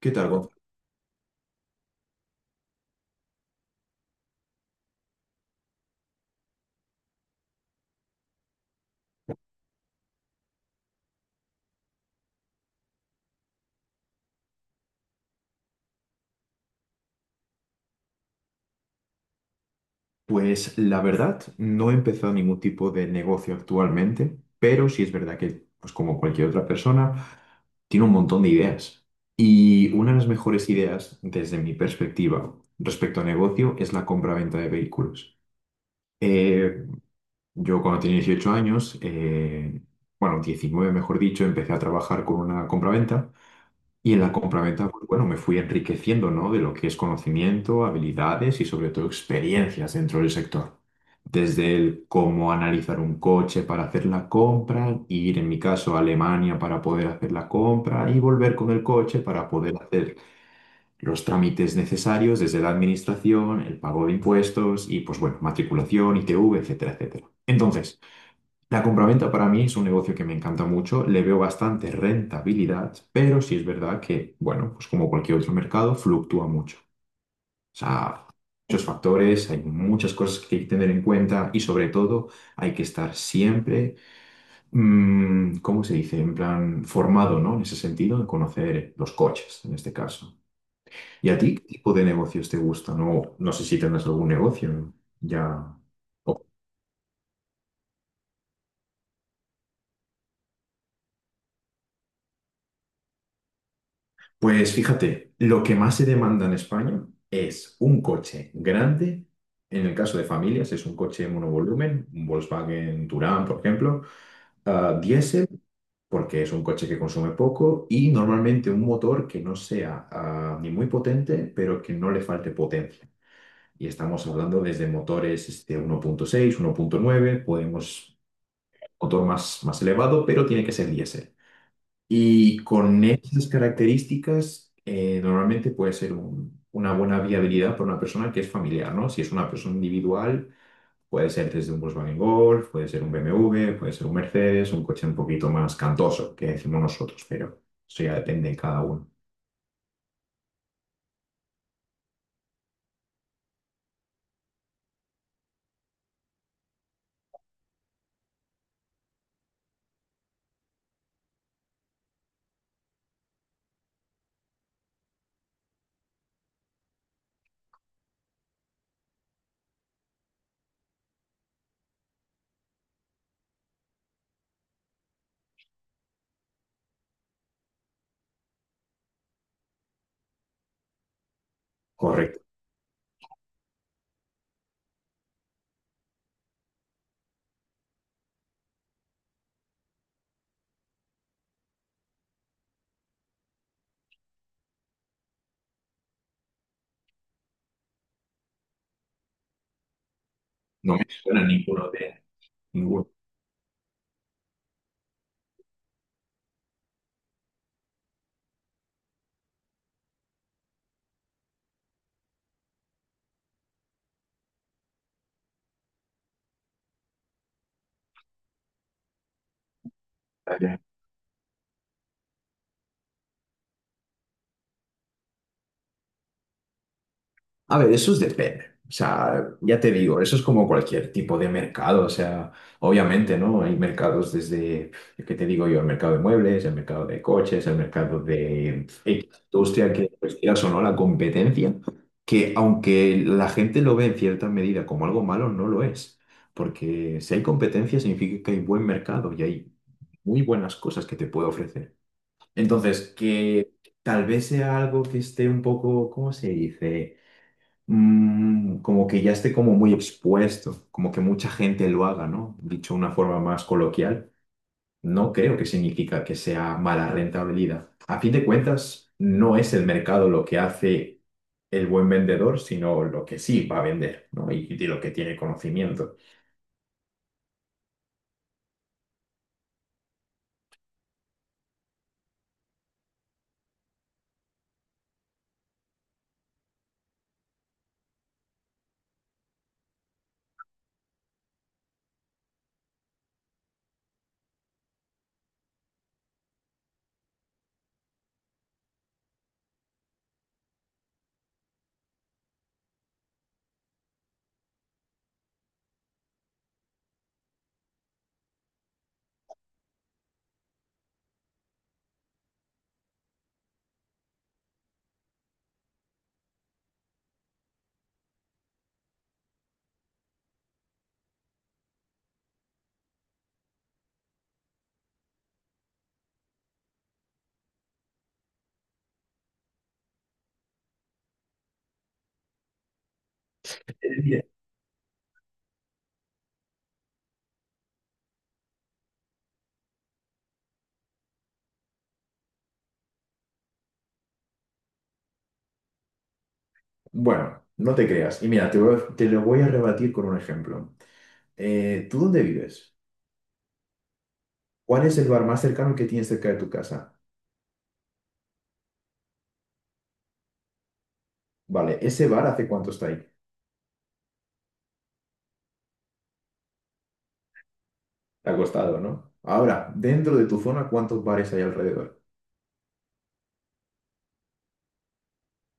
¿Qué tal, Gonzalo? Pues la verdad, no he empezado ningún tipo de negocio actualmente, pero sí es verdad que, pues como cualquier otra persona, tiene un montón de ideas. Y una de las mejores ideas, desde mi perspectiva, respecto a negocio, es la compra-venta de vehículos. Eh, yo cuando tenía 18 años, bueno, 19 mejor dicho, empecé a trabajar con una compraventa. Y en la compraventa, pues bueno, me fui enriqueciendo, ¿no? De lo que es conocimiento, habilidades y sobre todo experiencias dentro del sector. Desde el cómo analizar un coche para hacer la compra, ir en mi caso a Alemania para poder hacer la compra y volver con el coche para poder hacer los trámites necesarios desde la administración, el pago de impuestos y pues bueno, matriculación, ITV, etcétera, etcétera. Entonces, la compraventa para mí es un negocio que me encanta mucho, le veo bastante rentabilidad, pero sí es verdad que, bueno, pues como cualquier otro mercado, fluctúa mucho. O sea, muchos factores, hay muchas cosas que hay que tener en cuenta y sobre todo hay que estar siempre, ¿cómo se dice? En plan, formado, ¿no? En ese sentido, de conocer los coches, en este caso. ¿Y a ti qué tipo de negocios te gustan? No sé si tendrás algún negocio ya. Pues fíjate, lo que más se demanda en España es un coche grande, en el caso de familias es un coche monovolumen, un Volkswagen Touran, por ejemplo, ah, diésel, porque es un coche que consume poco, y normalmente un motor que no sea ni muy potente, pero que no le falte potencia. Y estamos hablando desde motores este, uno uno punto seis, uno punto nueve, podemos motor más, más elevado, pero tiene que ser diésel. Y con esas características, normalmente puede ser una buena viabilidad para una persona que es familiar, ¿no? Si es una persona individual, puede ser desde un Volkswagen Golf, puede ser un BMW, puede ser un Mercedes, un coche un poquito más cantoso, que decimos nosotros, pero eso ya depende de cada uno. Correcto. No me suena ninguno de ninguno. A ver, eso es depende. O sea, ya te digo, eso es como cualquier tipo de mercado. O sea, obviamente, ¿no? Hay mercados desde, ¿qué te digo yo? El mercado de muebles, el mercado de coches, el mercado de X industria, que pues, quieras o no, la competencia, que aunque la gente lo ve en cierta medida como algo malo, no lo es. Porque si hay competencia significa que hay buen mercado y hay muy buenas cosas que te puede ofrecer. Entonces, que tal vez sea algo que esté un poco, ¿cómo se dice? Como que ya esté como muy expuesto, como que mucha gente lo haga, ¿no? Dicho de una forma más coloquial, no creo que significa que sea mala rentabilidad. A fin de cuentas, no es el mercado lo que hace el buen vendedor, sino lo que sí va a vender, ¿no? Y de lo que tiene conocimiento. Eh, Bueno, no te creas. Y mira, te lo voy a rebatir con un ejemplo. ¿Tú dónde vives? ¿Cuál es el bar más cercano que tienes cerca de tu casa? Vale, ¿ese bar hace cuánto está ahí? Acostado, ¿no? Ahora, dentro de tu zona, ¿cuántos bares hay alrededor?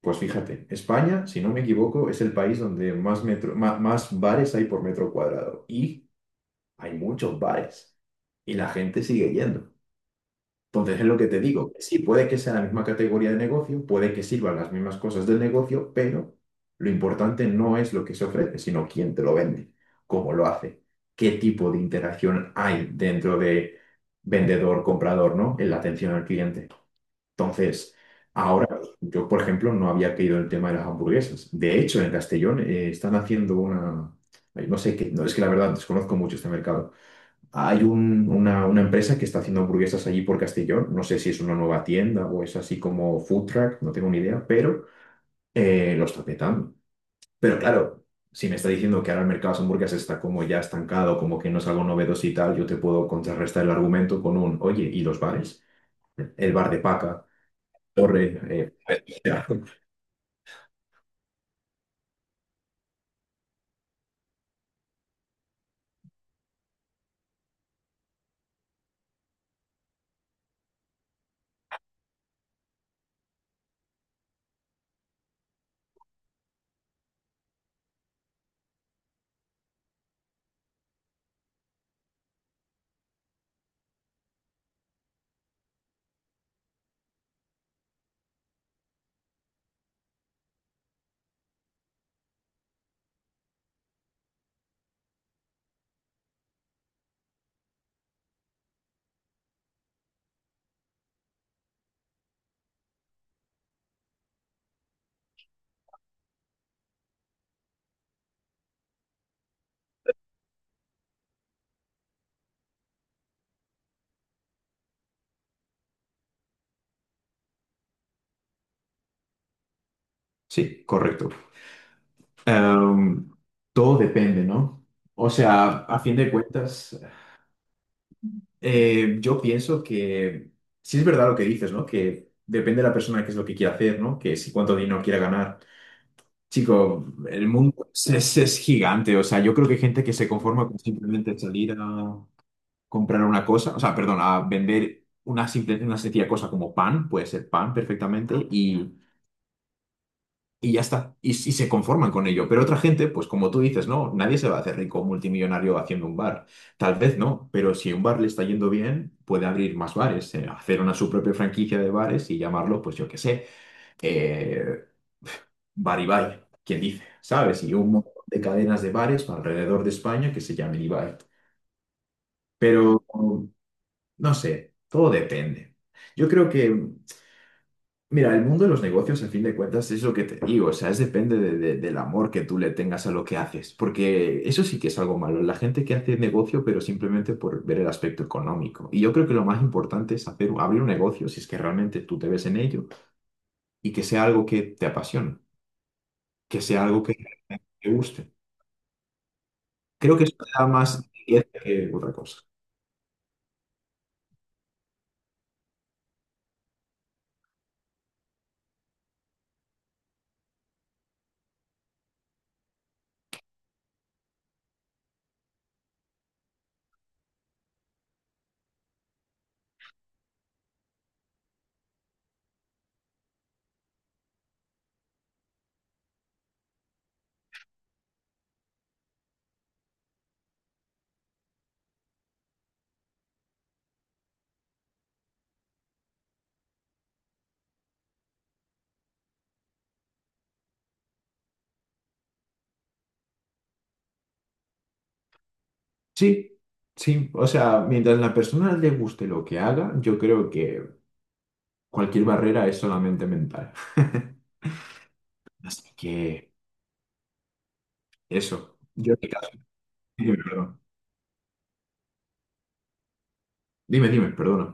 Pues fíjate, España, si no me equivoco, es el país donde más, metro, más, bares hay por metro cuadrado. Y hay muchos bares. Y la gente sigue yendo. Entonces es lo que te digo. Que sí, puede que sea la misma categoría de negocio, puede que sirvan las mismas cosas del negocio, pero lo importante no es lo que se ofrece, sino quién te lo vende, cómo lo hace, qué tipo de interacción hay dentro de vendedor-comprador, ¿no? En la atención al cliente. Entonces, ahora, yo, por ejemplo, no había caído en el tema de las hamburguesas. De hecho, en Castellón están haciendo una... ay, no sé qué, no, es que la verdad desconozco mucho este mercado. Hay una empresa que está haciendo hamburguesas allí por Castellón. No sé si es una nueva tienda o es así como food truck, no tengo ni idea, pero lo está petando. Pero claro, si me está diciendo que ahora el mercado de las hamburguesas está como ya estancado, como que no es algo novedoso y tal, yo te puedo contrarrestar el argumento con un, oye, ¿y los bares? El bar de Paca. Torre, eh, ya, sí, correcto. Em, Todo depende, ¿no? O sea, a fin de cuentas, yo pienso que sí es verdad lo que dices, ¿no? Que depende de la persona qué es lo que quiere hacer, ¿no? Que si cuánto dinero quiere ganar. Chico, el mundo es gigante. O sea, yo creo que hay gente que se conforma con simplemente salir a comprar una cosa, o sea, perdón, a vender una simple, una sencilla cosa como pan, puede ser pan perfectamente, y ya está. Y, s- y se conforman con ello. Pero otra gente, pues como tú dices, no, nadie se va a hacer rico multimillonario haciendo un bar. Tal vez no, pero si un bar le está yendo bien, puede abrir más bares, hacer una su propia franquicia de bares y llamarlo, pues yo qué sé, eh, Bar Ibai, quién dice, ¿sabes? Y un montón de cadenas de bares alrededor de España que se llamen Ibai. Pero no sé, todo depende. Yo creo que mira, el mundo de los negocios, a fin de cuentas, es lo que te digo, o sea, es depende del amor que tú le tengas a lo que haces, porque eso sí que es algo malo, la gente que hace negocio, pero simplemente por ver el aspecto económico. Y yo creo que lo más importante es hacer, abrir un negocio, si es que realmente tú te ves en ello, y que sea algo que te apasione, que sea algo que te guste. Creo que eso te da más riqueza que otra cosa. Sí, sí, o sea, mientras la persona le guste lo que haga, yo creo que cualquier barrera es solamente mental. Así que... Eso. Yo, en mi caso- dime, perdón. Dime, perdona.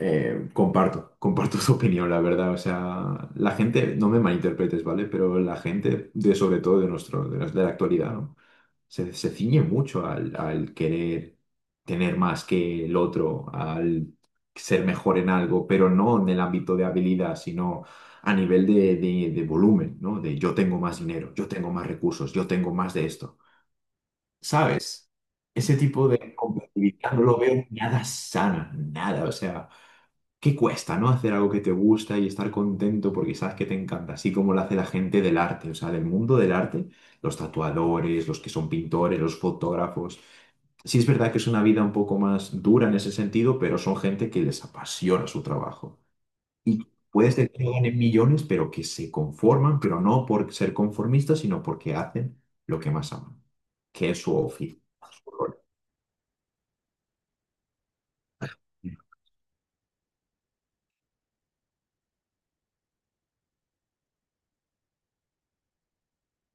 Comparto tu opinión, la verdad. O sea, la gente, no me malinterpretes, ¿vale? Pero la gente, de, sobre todo de nuestro, de, nos- de la actualidad, ¿no? Se ciñe mucho al, al querer tener más que el otro, al ser mejor en algo, pero no en el ámbito de habilidad, sino a nivel de, de volumen, ¿no? De yo tengo más dinero, yo tengo más recursos, yo tengo más de esto. ¿Sabes? Ese tipo de competitividad no lo veo nada sana, nada. O sea, ¿qué cuesta, no? Hacer algo que te gusta y estar contento porque sabes que te encanta, así como lo hace la gente del arte, o sea, del mundo del arte, los tatuadores, los que son pintores, los fotógrafos. Sí es verdad que es una vida un poco más dura en ese sentido, pero son gente que les apasiona su trabajo. Y puedes tener que no ganen millones, pero que se conforman, pero no por ser conformistas, sino porque hacen lo que más aman, que es su oficio, su rol.